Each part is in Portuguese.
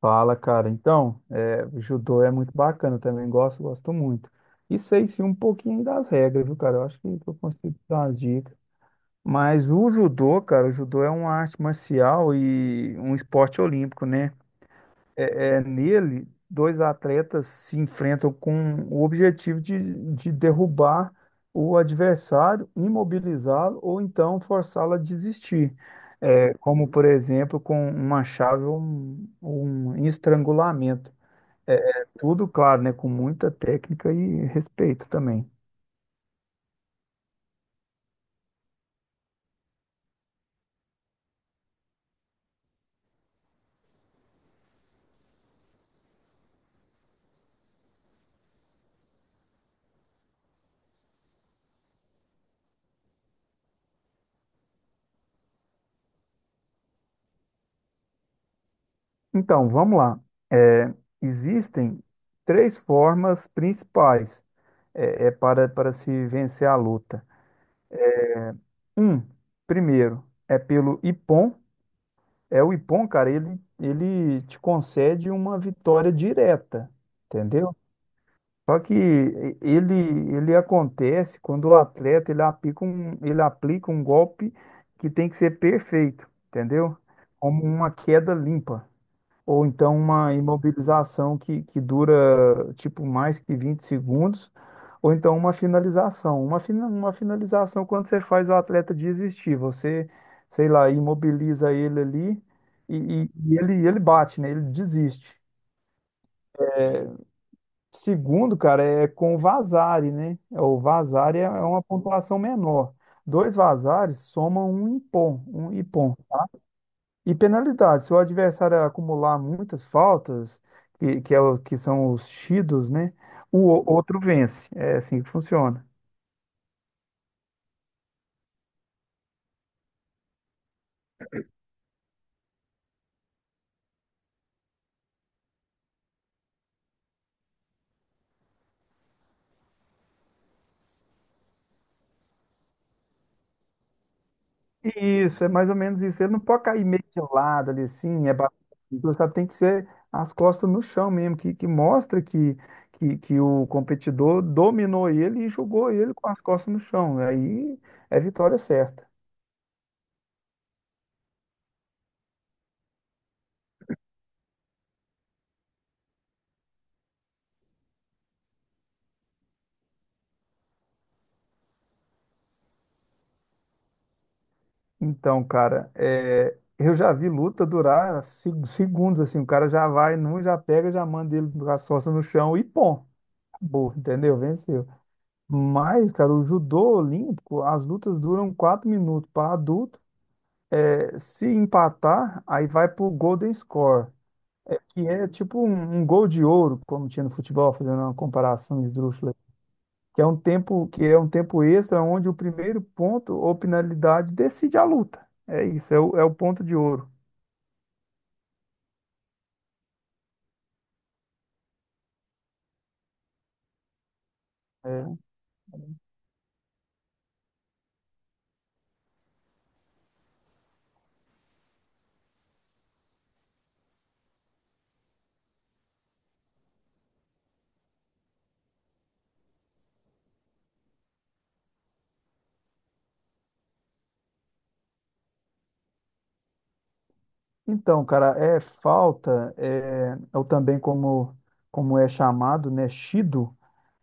Fala, cara. Então, o judô é muito bacana, eu também gosto, gosto muito. E sei sim um pouquinho das regras, viu, cara? Eu acho que eu consigo dar umas dicas. Mas o judô, cara, o judô é uma arte marcial e um esporte olímpico, né? É nele, dois atletas se enfrentam com o objetivo de derrubar o adversário, imobilizá-lo ou então forçá-lo a desistir. Como, por exemplo, com uma chave ou um estrangulamento. É tudo, claro, né? Com muita técnica e respeito também. Então, vamos lá. É, Existem três formas principais para se vencer a luta. Um, Primeiro, é pelo Ippon. É o Ippon, cara, ele te concede uma vitória direta, entendeu? Só que ele, ele acontece quando o atleta ele aplica um golpe que tem que ser perfeito, entendeu? Como uma queda limpa, ou então uma imobilização que dura tipo mais que 20 segundos, ou então uma finalização. Uma finalização quando você faz o atleta desistir, você, sei lá, imobiliza ele ali e ele bate, né? Ele desiste. Segundo, cara, é com o Vasari, né? O Vasari é uma pontuação menor. Dois Vasares somam um Ippon, um Ippon. E penalidade, se o adversário acumular muitas faltas, que são os Shidos, né? Outro vence. É assim que funciona. Isso, é mais ou menos isso. Ele não pode cair meio de lado ali assim, é bastante, sabe? Tem que ser as costas no chão mesmo, que mostra que o competidor dominou ele e jogou ele com as costas no chão. Aí é vitória certa. Então, cara, eu já vi luta durar segundos assim, o cara já vai num, já pega, já manda ele com as costas no chão e pô, acabou, entendeu? Venceu. Mas, cara, o judô olímpico, as lutas duram 4 minutos para adulto. Se empatar, aí vai pro Golden Score, que é tipo um gol de ouro, como tinha no futebol, fazendo uma comparação esdrúxula, que é um tempo extra onde o primeiro ponto ou penalidade decide a luta. É isso, é o ponto de ouro. É. Então, cara, é falta, ou também como é chamado, né, shido,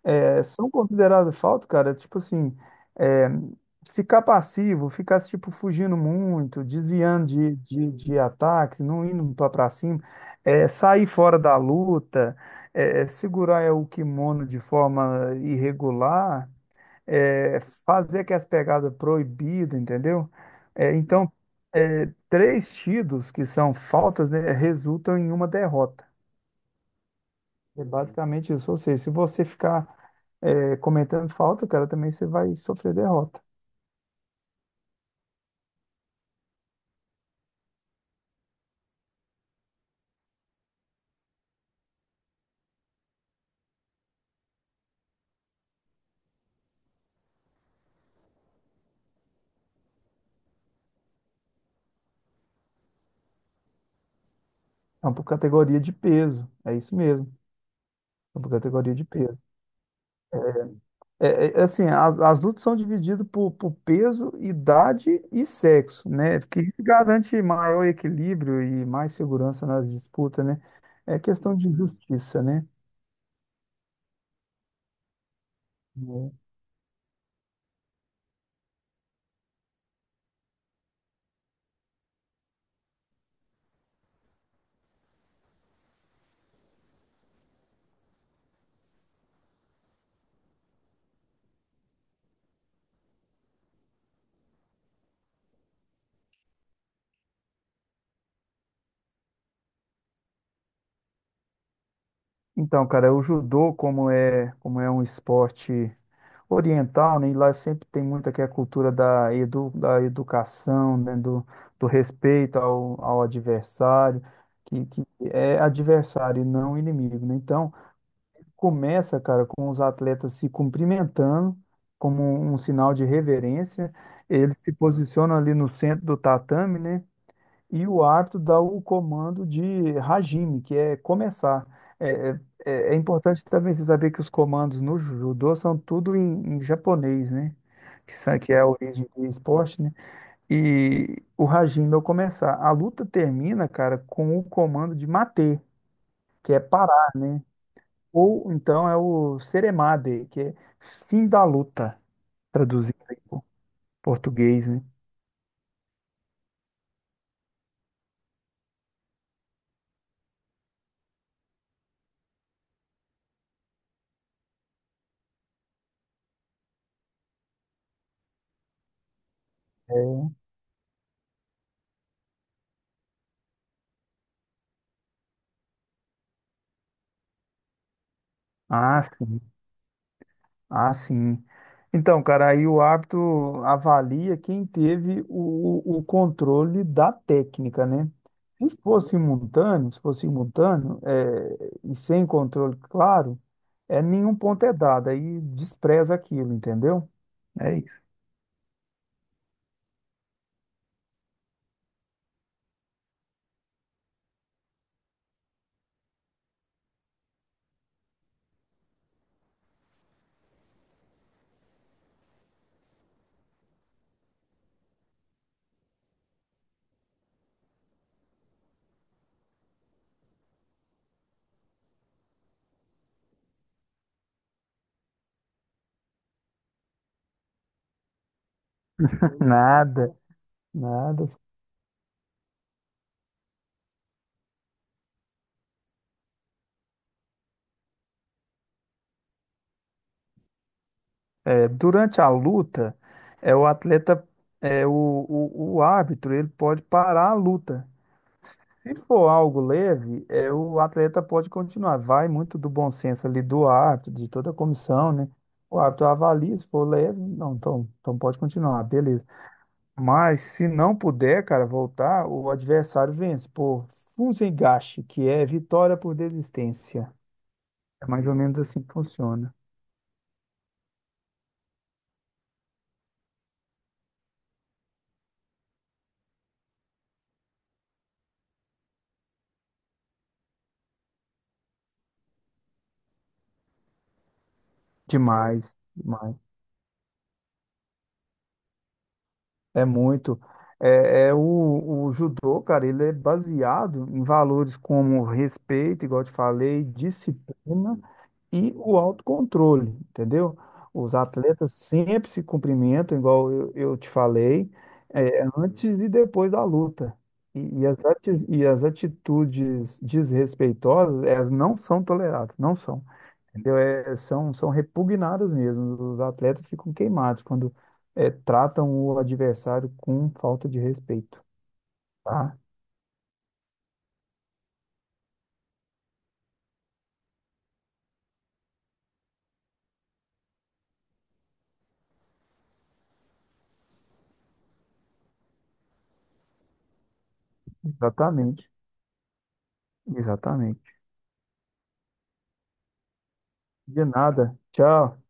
são consideradas falta, cara, tipo assim, é, ficar passivo, ficar, tipo, fugindo muito, desviando de ataques, não indo pra cima, sair fora da luta, é, segurar o kimono de forma irregular, é, fazer aquelas pegadas proibidas, entendeu? Então, três tidos que são faltas, né, resultam em uma derrota. É basicamente isso. Ou seja, se você ficar cometendo falta, cara, também você vai sofrer derrota. Então, por categoria de peso. É isso mesmo. É por categoria de peso. É assim, as lutas são divididas por peso, idade e sexo, né? Que isso garante maior equilíbrio e mais segurança nas disputas, né? É questão de justiça, né? É. Então, cara, o judô, como é, um esporte oriental, né? E lá sempre tem muito aqui a cultura da educação, né? Do respeito ao adversário, que é adversário e não inimigo, né? Então, começa, cara, com os atletas se cumprimentando como um sinal de reverência. Eles se posicionam ali no centro do tatame, né? E o árbitro dá o comando de hajime, que é começar. É, É importante também você saber que os comandos no judô são tudo em japonês, né? Que é a origem do esporte, né? E o hajime é o começar. A luta termina, cara, com o comando de mate, que é parar, né? Ou então é o seremade, que é fim da luta, traduzindo em português, né? É. Ah, sim. Ah, sim. Então, cara, aí o árbitro avalia quem teve o controle da técnica, né? Se fosse simultâneo, e sem controle claro, nenhum ponto é dado, aí despreza aquilo, entendeu? É isso. Nada, nada. Durante a luta, é o atleta, é o árbitro, ele pode parar a luta. Se for algo leve, o atleta pode continuar. Vai muito do bom senso ali do árbitro, de toda a comissão, né? O árbitro avalia, se for leve, não, então, pode continuar, beleza. Mas se não puder, cara, voltar, o adversário vence por Fusengache, que é vitória por desistência. É mais ou menos assim que funciona. Demais, demais. É muito. O judô, cara, ele é baseado em valores como respeito, igual eu te falei, disciplina e o autocontrole, entendeu? Os atletas sempre se cumprimentam, igual eu te falei, antes e depois da luta. E as atitudes desrespeitosas, elas não são toleradas, não são. Entendeu? São repugnadas mesmo. Os atletas ficam queimados quando tratam o adversário com falta de respeito. Tá? Exatamente. Exatamente. De nada. Tchau.